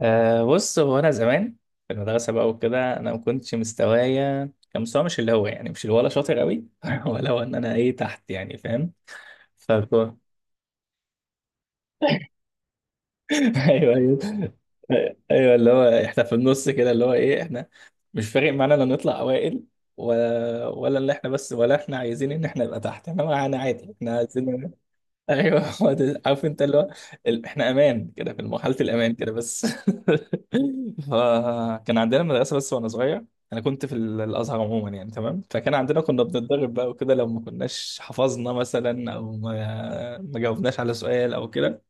بص هو انا زمان في المدرسه بقى وكده انا ما كنتش مستوايا، كان مستوى مش اللي هو، يعني مش اللي ولا شاطر قوي ولا هو ان انا ايه تحت، يعني فاهم. فكو ايوه ايوه اللي هو احنا في النص كده، اللي هو ايه، احنا مش فارق معانا لا نطلع اوائل ولا اللي احنا، بس ولا احنا عايزين ان احنا نبقى تحت، احنا معانا عادي، احنا عايزين. ايوه هو ده، عارف انت اللي هو، احنا امان كده، في مرحله الامان كده بس. فكان عندنا مدرسه، بس وانا صغير انا كنت في الازهر عموما، يعني تمام. فكان عندنا، كنا بنتدرب بقى وكده، لو ما كناش حفظنا مثلا او ما جاوبناش على سؤال او كده.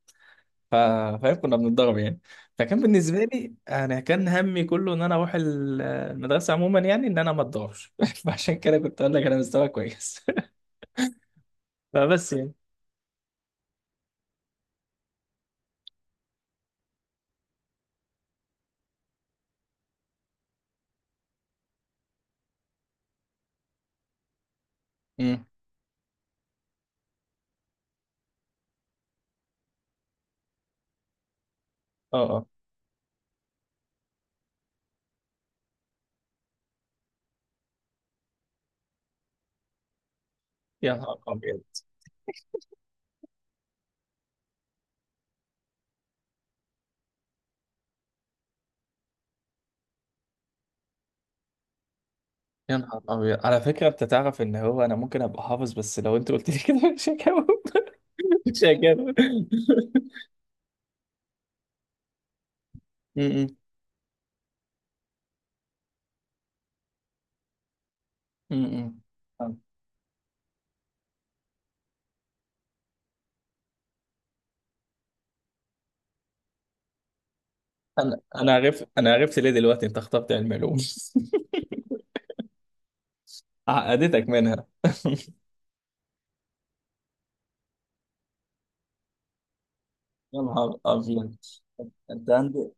ف- فاهم، كنا بنتدرب يعني. فكان بالنسبه لي انا كان همي كله ان انا اروح المدرسه عموما، يعني ان انا ما اتضربش. فعشان كده كنت اقول لك انا مستواي كويس. فبس يعني. امم. اه اه. يا نهار ابيض. يا نهار أبيض، على فكرة أنت تعرف إن هو أنا ممكن أبقى حافظ، بس لو أنت قلت لي كده مش هجاوب. مش هجاوب. م- م- م- م. أنا عرفت، عرفت ليه دلوقتي أنت اخترت علم علوم. عقدتك منها. يا نهار أبيض، أنت عندي.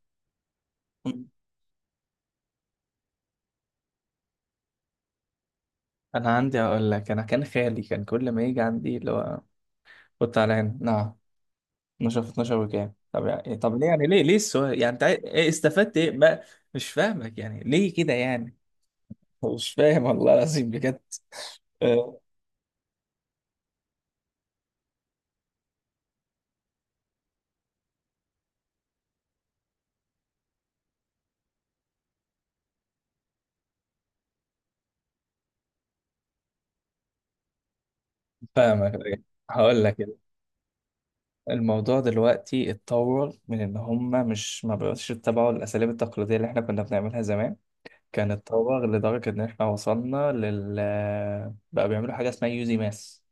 أنا عندي أقول لك، أنا كان خالي كان كل ما يجي عندي اللي هو، كنت على هنا نعم، 12 في 12 وكام؟ طب يعني طب ليه؟ يعني ليه السؤال؟ يعني أنت إيه استفدت؟ إيه ما، مش فاهمك يعني ليه كده يعني؟ مش فاهم والله العظيم بجد. آه، فاهمك أيوة. هقول لك كده. الموضوع دلوقتي اتطور من ان هم مش ما بقوش يتبعوا الاساليب التقليديه اللي احنا كنا بنعملها زمان، كان اتطور لدرجه ان احنا وصلنا لل، بقى بيعملوا حاجه اسمها يوزي ماس.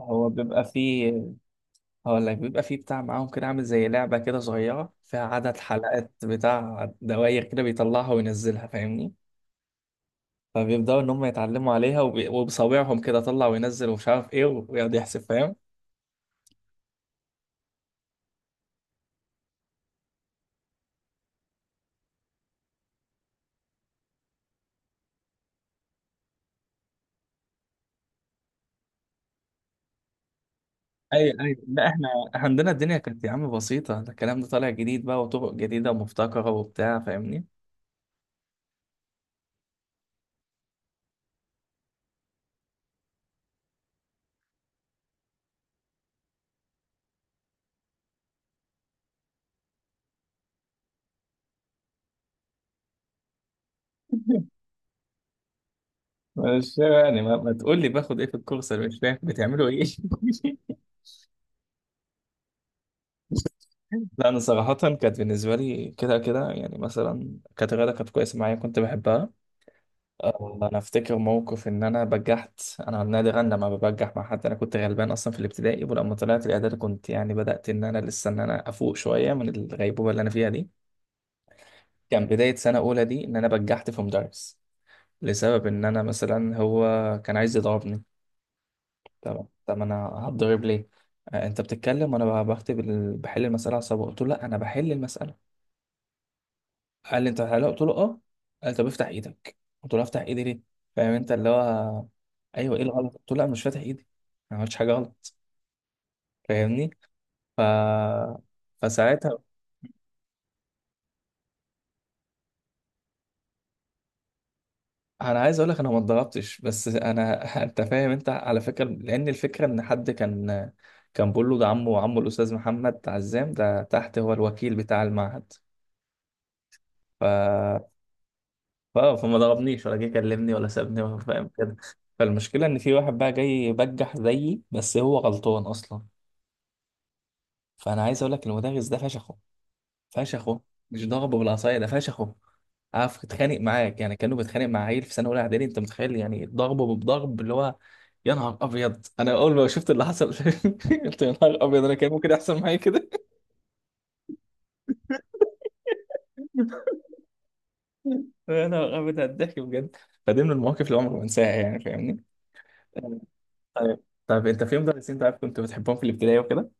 هو بيبقى فيه، هقول لك، بيبقى فيه بتاع معاهم كده عامل زي لعبه كده صغيره فيها عدد حلقات بتاع دواير كده، بيطلعها وينزلها فاهمني. فبيبدأوا إن هم يتعلموا عليها، وبصابعهم كده طلع وينزل ومش عارف إيه، ويقعد يحسب فاهم. أي لا إحنا عندنا الدنيا كانت يا عم بسيطة، ده الكلام ده طالع جديد بقى، وطرق جديدة ومبتكرة وبتاع فاهمني. مش يعني، ما تقول لي باخد إيه في الكورس، أنا مش فاهم بتعملوا إيه. لا أنا صراحة كانت بالنسبة لي كده كده، يعني مثلا كانت الرياضة كانت كويسة معايا كنت بحبها. آه، انا افتكر موقف ان انا بجحت. انا نادرا لما ببجح مع حد، انا كنت غلبان اصلا في الابتدائي، ولما طلعت الاعدادي كنت يعني بدات ان انا لسه ان انا افوق شويه من الغيبوبه اللي انا فيها دي. كان بدايه سنه اولى دي ان انا بجحت في مدرس، لسبب ان انا مثلا، هو كان عايز يضربني. طب طب انا هتضرب ليه؟ آه، انت بتتكلم وانا بكتب بحل المساله على الصبغه. قلت له لا انا بحل المساله. قال لي انت حلال؟ قلت له اه. قال طب افتح ايدك. قلت له افتح ايدي ليه؟ فاهم انت اللي هو. ايوه ايه الغلط؟ قلت له لا مش فاتح ايدي انا، ما عملتش حاجه غلط. فاهمني؟ ف فساعتها، انا عايز اقول لك انا ما اتضربتش بس انا انت فاهم، انت على فكره لان الفكره ان حد كان، كان بيقول له ده عمه، وعمه الاستاذ محمد عزام ده تحت هو الوكيل بتاع المعهد. ف فما ضربنيش ولا جه كلمني ولا سابني ولا، فاهم كده. فالمشكله ان في واحد بقى جاي بجح زيي، بس هو غلطان اصلا. فانا عايز اقول لك، المدرس ده فشخه. فشخه، مش ضربه بالعصايه، ده فشخه. عارف اتخانق معاك، يعني كانه بيتخانق مع عيل في سنه اولى اعدادي، انت متخيل؟ يعني ضربه بضرب اللي هو، يا نهار ابيض. انا اول ما شفت اللي حصل قلت يا نهار ابيض انا كان ممكن يحصل معايا كده. يا نهار ابيض على الضحك بجد. فدي من المواقف اللي عمري ما انساها يعني فاهمني. طيب. طيب انت في مدرسين طيب كنت بتحبهم في الابتدائي وكده؟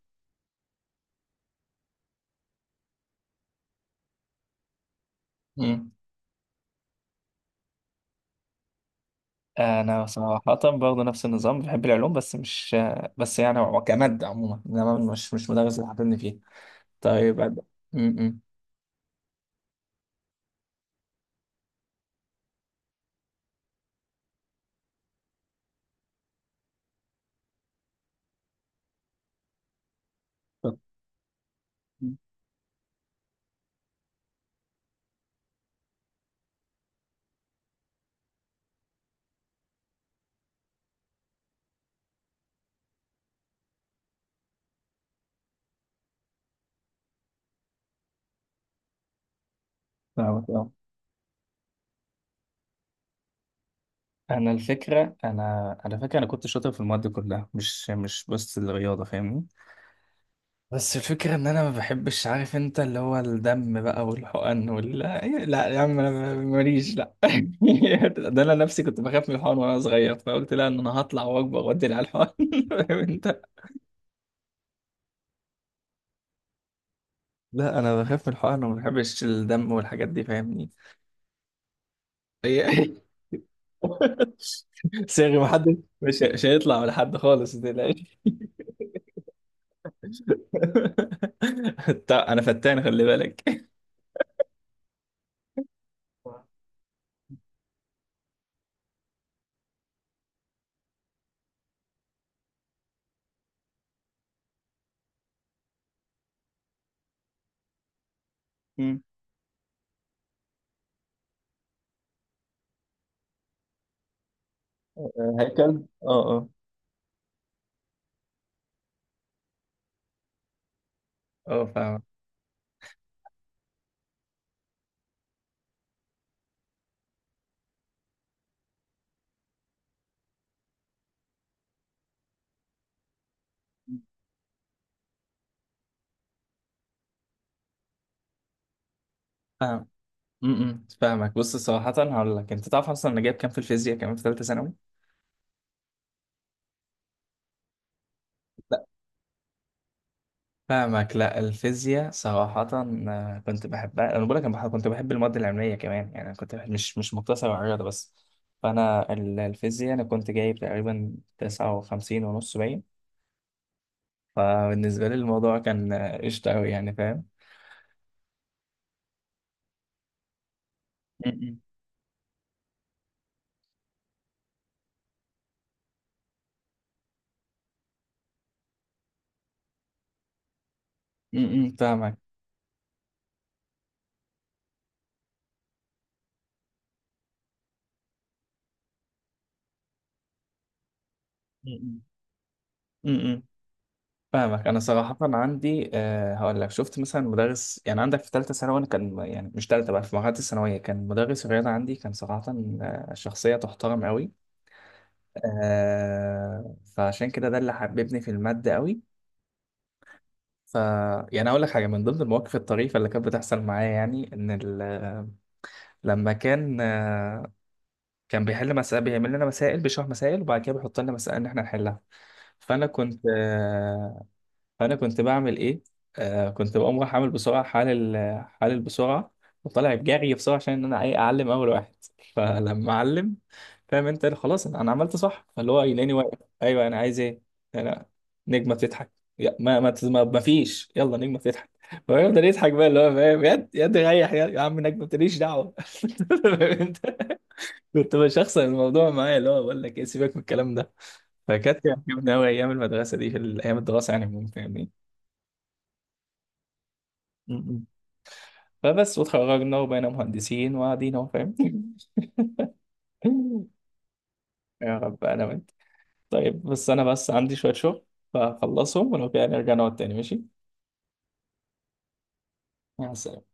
مم. انا صراحة برضه نفس النظام، بحب العلوم بس مش، بس يعني هو كمادة عموما، انما مش، مش مدرس اللي حاططني فيه. طيب أد- م- م. طب، فاهمك اه. انا الفكرة، انا على فكرة انا كنت شاطر في المواد كلها، مش مش بس الرياضة فاهمني. بس الفكرة ان انا ما بحبش، عارف انت اللي هو الدم بقى والحقن وال، لا يا عم انا ماليش، لا ده انا نفسي كنت بخاف من الحقن وانا صغير، فقلت لا ان انا هطلع واكبر وادي على الحقن. فاهم انت؟ لا انا بخاف من الحقن، وما بحبش الدم والحاجات دي فاهمني. هي صيغي محدش. مش هيطلع من حد خالص متقلقش. طب انا فتان خلي بالك. مم. هيكل اه. اه اه فاهم. فاهم. م- م، فاهمك بص، صراحة هقول لك، انت تعرف اصلا انا جايب كام في الفيزياء كمان في ثالثة ثانوي؟ فاهمك. لا الفيزياء صراحة آه، كنت بحبها. أنا بقول لك أنا كنت بحب المواد العلمية كمان، يعني أنا كنت بحب، مش مش مقتصر على الرياضة بس. فأنا الفيزياء أنا كنت جايب تقريبا تسعة وخمسين ونص باين. فبالنسبة لي الموضوع كان آه، قشطة أوي يعني فاهم. م-م. م-م، فاهمك. م-م. م-م. فاهمك. أنا صراحة عندي أه، هقول لك، شفت مثلا مدرس يعني عندك في ثالثة ثانوي؟ أنا كان يعني مش ثالثة بقى، في مرحلة الثانوية كان مدرس الرياضة عندي كان صراحة آه، شخصية تحترم أوي. آه فعشان كده ده اللي حببني في المادة قوي. ف يعني اقول لك حاجه من ضمن المواقف الطريفه اللي كانت بتحصل معايا، يعني ان لما كان آه، كان بيحل مسائل، بيعمل لنا مسائل بيشرح مسائل، وبعد كده بيحط لنا مسائل ان احنا نحلها. فانا كنت آه، فانا كنت بعمل ايه، آه كنت بقوم رايح عامل بسرعه حال، حال البسرعه، وطالع بجري بسرعه عشان ان انا ايه اعلم اول واحد. فلما اعلم فاهم انت، خلاص انا، أنا عملت صح. فاللي هو يلاقيني واقف ايوه، انا عايز ايه؟ انا نجمه بتضحك. يا ما فيش يلا، نجمه بتضحك. فيفضل يضحك بقى اللي هو فاهم، يد ريح يا عم، نجمه ماليش دعوه. فاهم انت. كنت بشخصن الموضوع معايا اللي هو، بقول لك ايه سيبك من الكلام ده. فكانت عجبني قوي ايام المدرسه دي، في ايام الدراسه يعني عموما فاهمني. فبس، وتخرجنا وبقينا مهندسين وقاعدين اهو فاهم. يا رب، انا وانت. طيب بس انا بس عندي شوية شغل، فخلصهم ولو كده نرجع نقعد تاني ماشي. مع السلامة.